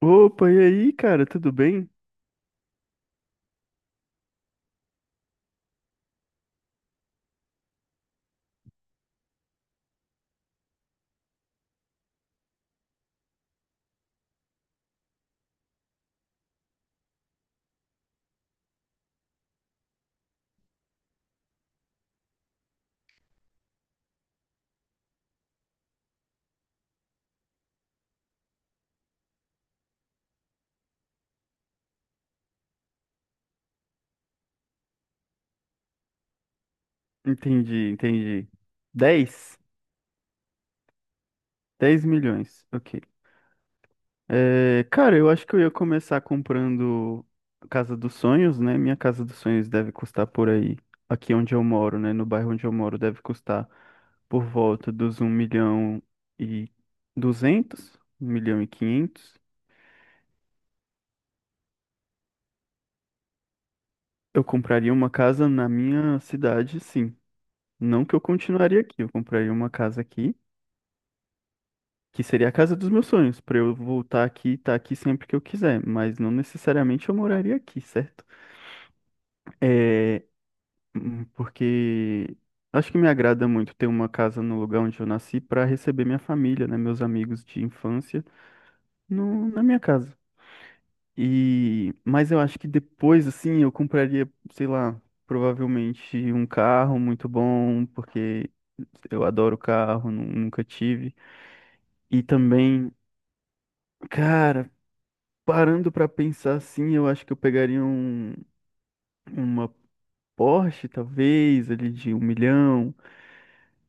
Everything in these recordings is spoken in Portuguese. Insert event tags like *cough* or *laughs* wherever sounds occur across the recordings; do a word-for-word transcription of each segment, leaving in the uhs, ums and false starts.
Opa, e aí, cara, tudo bem? Entendi, entendi. Dez, dez milhões, ok. É, cara, eu acho que eu ia começar comprando a Casa dos Sonhos, né? Minha Casa dos Sonhos deve custar por aí, aqui onde eu moro, né? No bairro onde eu moro, deve custar por volta dos um milhão e duzentos, um milhão e quinhentos. Eu compraria uma casa na minha cidade, sim. Não que eu continuaria aqui, eu compraria uma casa aqui, que seria a casa dos meus sonhos, para eu voltar aqui e estar aqui sempre que eu quiser, mas não necessariamente eu moraria aqui, certo? É, hum, porque acho que me agrada muito ter uma casa no lugar onde eu nasci para receber minha família, né, meus amigos de infância, no, na minha casa. E, mas eu acho que depois, assim, eu compraria, sei lá, provavelmente um carro muito bom, porque eu adoro carro, nu- nunca tive. E também, cara, parando pra pensar assim, eu acho que eu pegaria um, uma Porsche, talvez, ali de um milhão,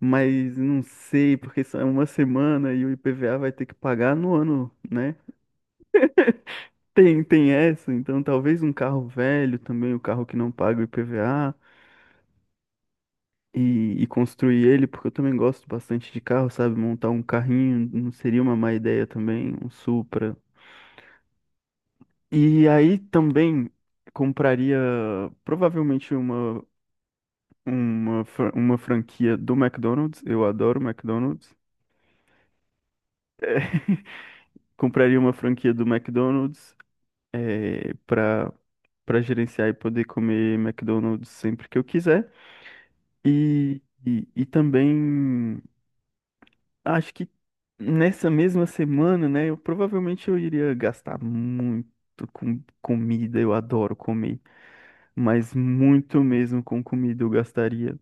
mas não sei, porque só é uma semana e o I P V A vai ter que pagar no ano, né? Tem, tem essa, então talvez um carro velho também, um carro que não paga o I P V A, e, e construir ele, porque eu também gosto bastante de carro, sabe? Montar um carrinho não seria uma má ideia também, um Supra. E aí também compraria provavelmente uma. uma, fra- uma franquia do McDonald's, eu adoro McDonald's. Compraria uma franquia do McDonald's, é, para para gerenciar e poder comer McDonald's sempre que eu quiser. E, e, e também acho que nessa mesma semana, né, eu provavelmente eu iria gastar muito com comida, eu adoro comer, mas muito mesmo com comida eu gastaria.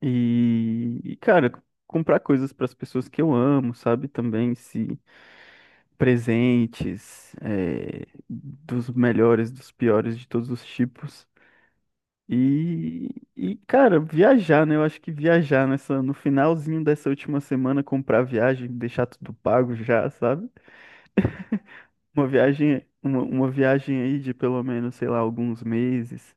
E, e, cara, comprar coisas para as pessoas que eu amo, sabe? Também se presentes é, dos melhores, dos piores, de todos os tipos. E, e, cara, viajar, né? Eu acho que viajar nessa, no finalzinho dessa última semana, comprar viagem, deixar tudo pago já, sabe? Uma viagem, uma, uma viagem aí de pelo menos, sei lá, alguns meses,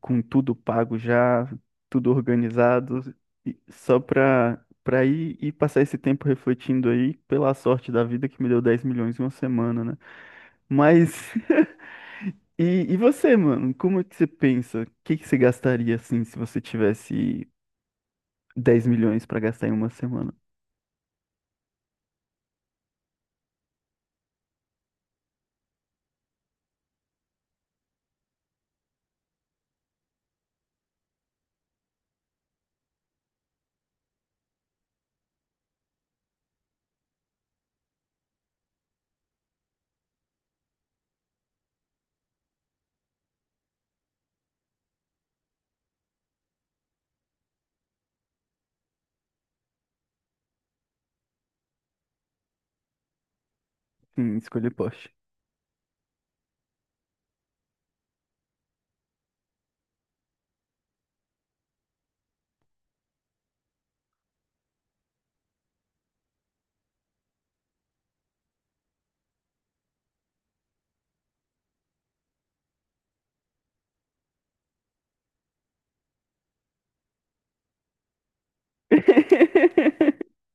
com tudo pago já, tudo organizado, e só pra pra ir e passar esse tempo refletindo aí, pela sorte da vida que me deu dez milhões em uma semana, né? Mas *laughs* e, e você, mano? Como é que você pensa? O que que você gastaria assim se você tivesse dez milhões para gastar em uma semana? Sim, escolher Porsche. *laughs*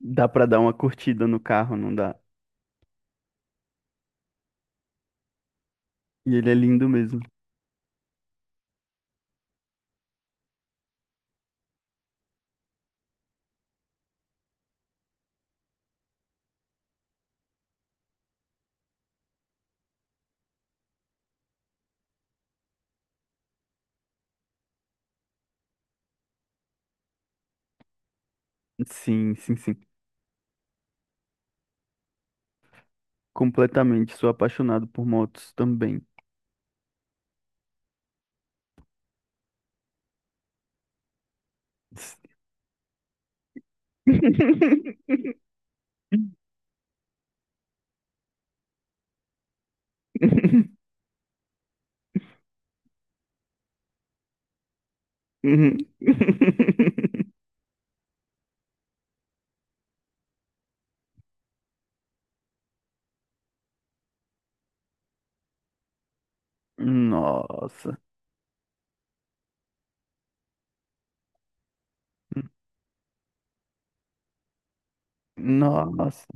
Dá pra dar uma curtida no carro, não dá? E ele é lindo mesmo. Sim, sim, sim. Completamente. Sou apaixonado por motos também. *laughs* Nossa, nossa,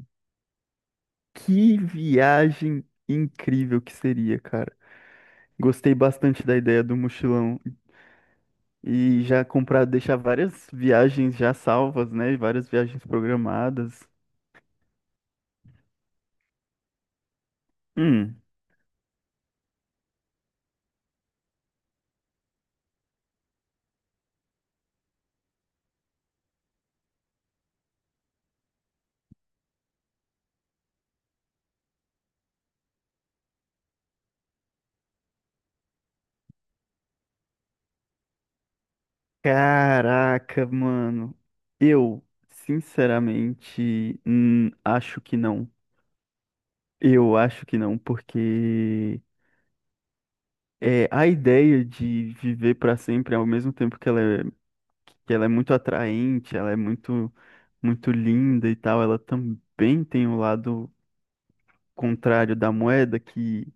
que viagem incrível que seria, cara. Gostei bastante da ideia do mochilão e já comprar, deixar várias viagens já salvas, né? Várias viagens programadas. Hum, caraca, mano. Eu, sinceramente, hum, acho que não. Eu acho que não, porque é, a ideia de viver para sempre, ao mesmo tempo que ela é, que ela é muito atraente, ela é muito, muito linda e tal, ela também tem o lado contrário da moeda, que,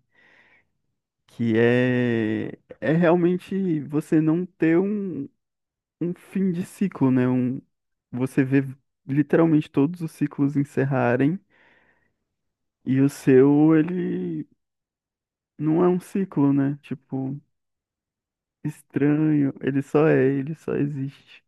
que é, é realmente você não ter um, um fim de ciclo, né? Um, você vê literalmente todos os ciclos encerrarem e o seu, ele não é um ciclo, né? Tipo, estranho, ele só é, ele só existe.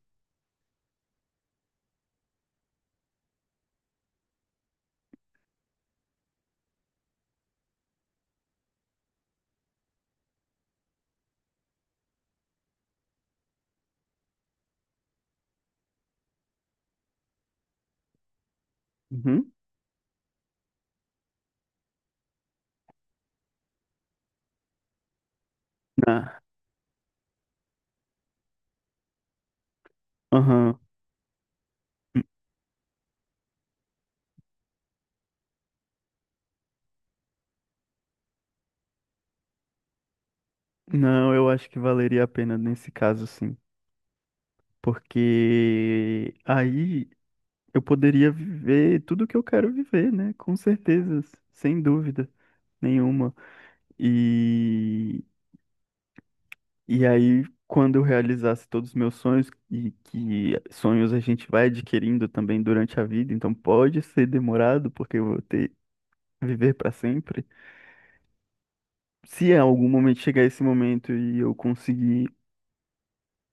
Uhum. Aham. Não, eu acho que valeria a pena nesse caso, sim. Porque aí eu poderia viver tudo o que eu quero viver, né? Com certeza, sem dúvida nenhuma. E, e aí, quando eu realizasse todos os meus sonhos, e que sonhos a gente vai adquirindo também durante a vida, então pode ser demorado, porque eu vou ter viver para sempre. Se em algum momento chegar esse momento e eu conseguir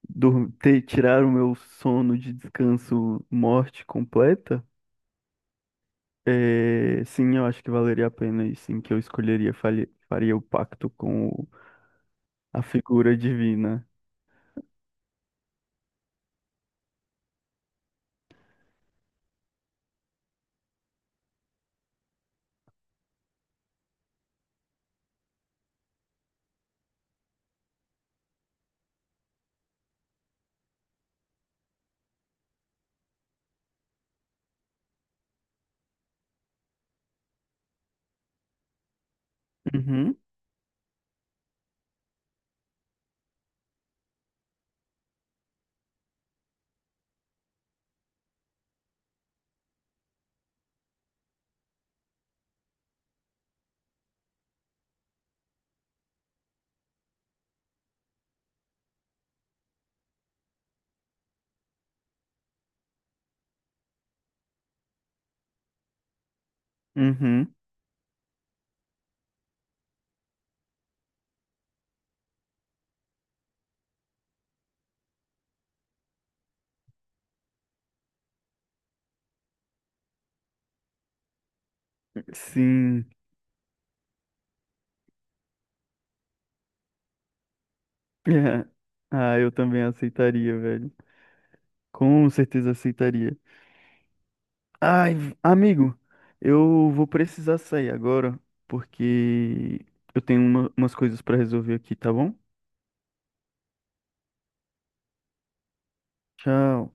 dur- ter, tirar o meu sono de descanso morte completa, é, sim, eu acho que valeria a pena e sim que eu escolheria, falhe- faria o pacto com o- a figura divina. Uhum, uhum, sim. *laughs* É. Ah, eu também aceitaria, velho. Com certeza aceitaria. Ai, v- amigo, eu vou precisar sair agora, porque eu tenho uma- umas coisas pra resolver aqui, tá bom? Tchau.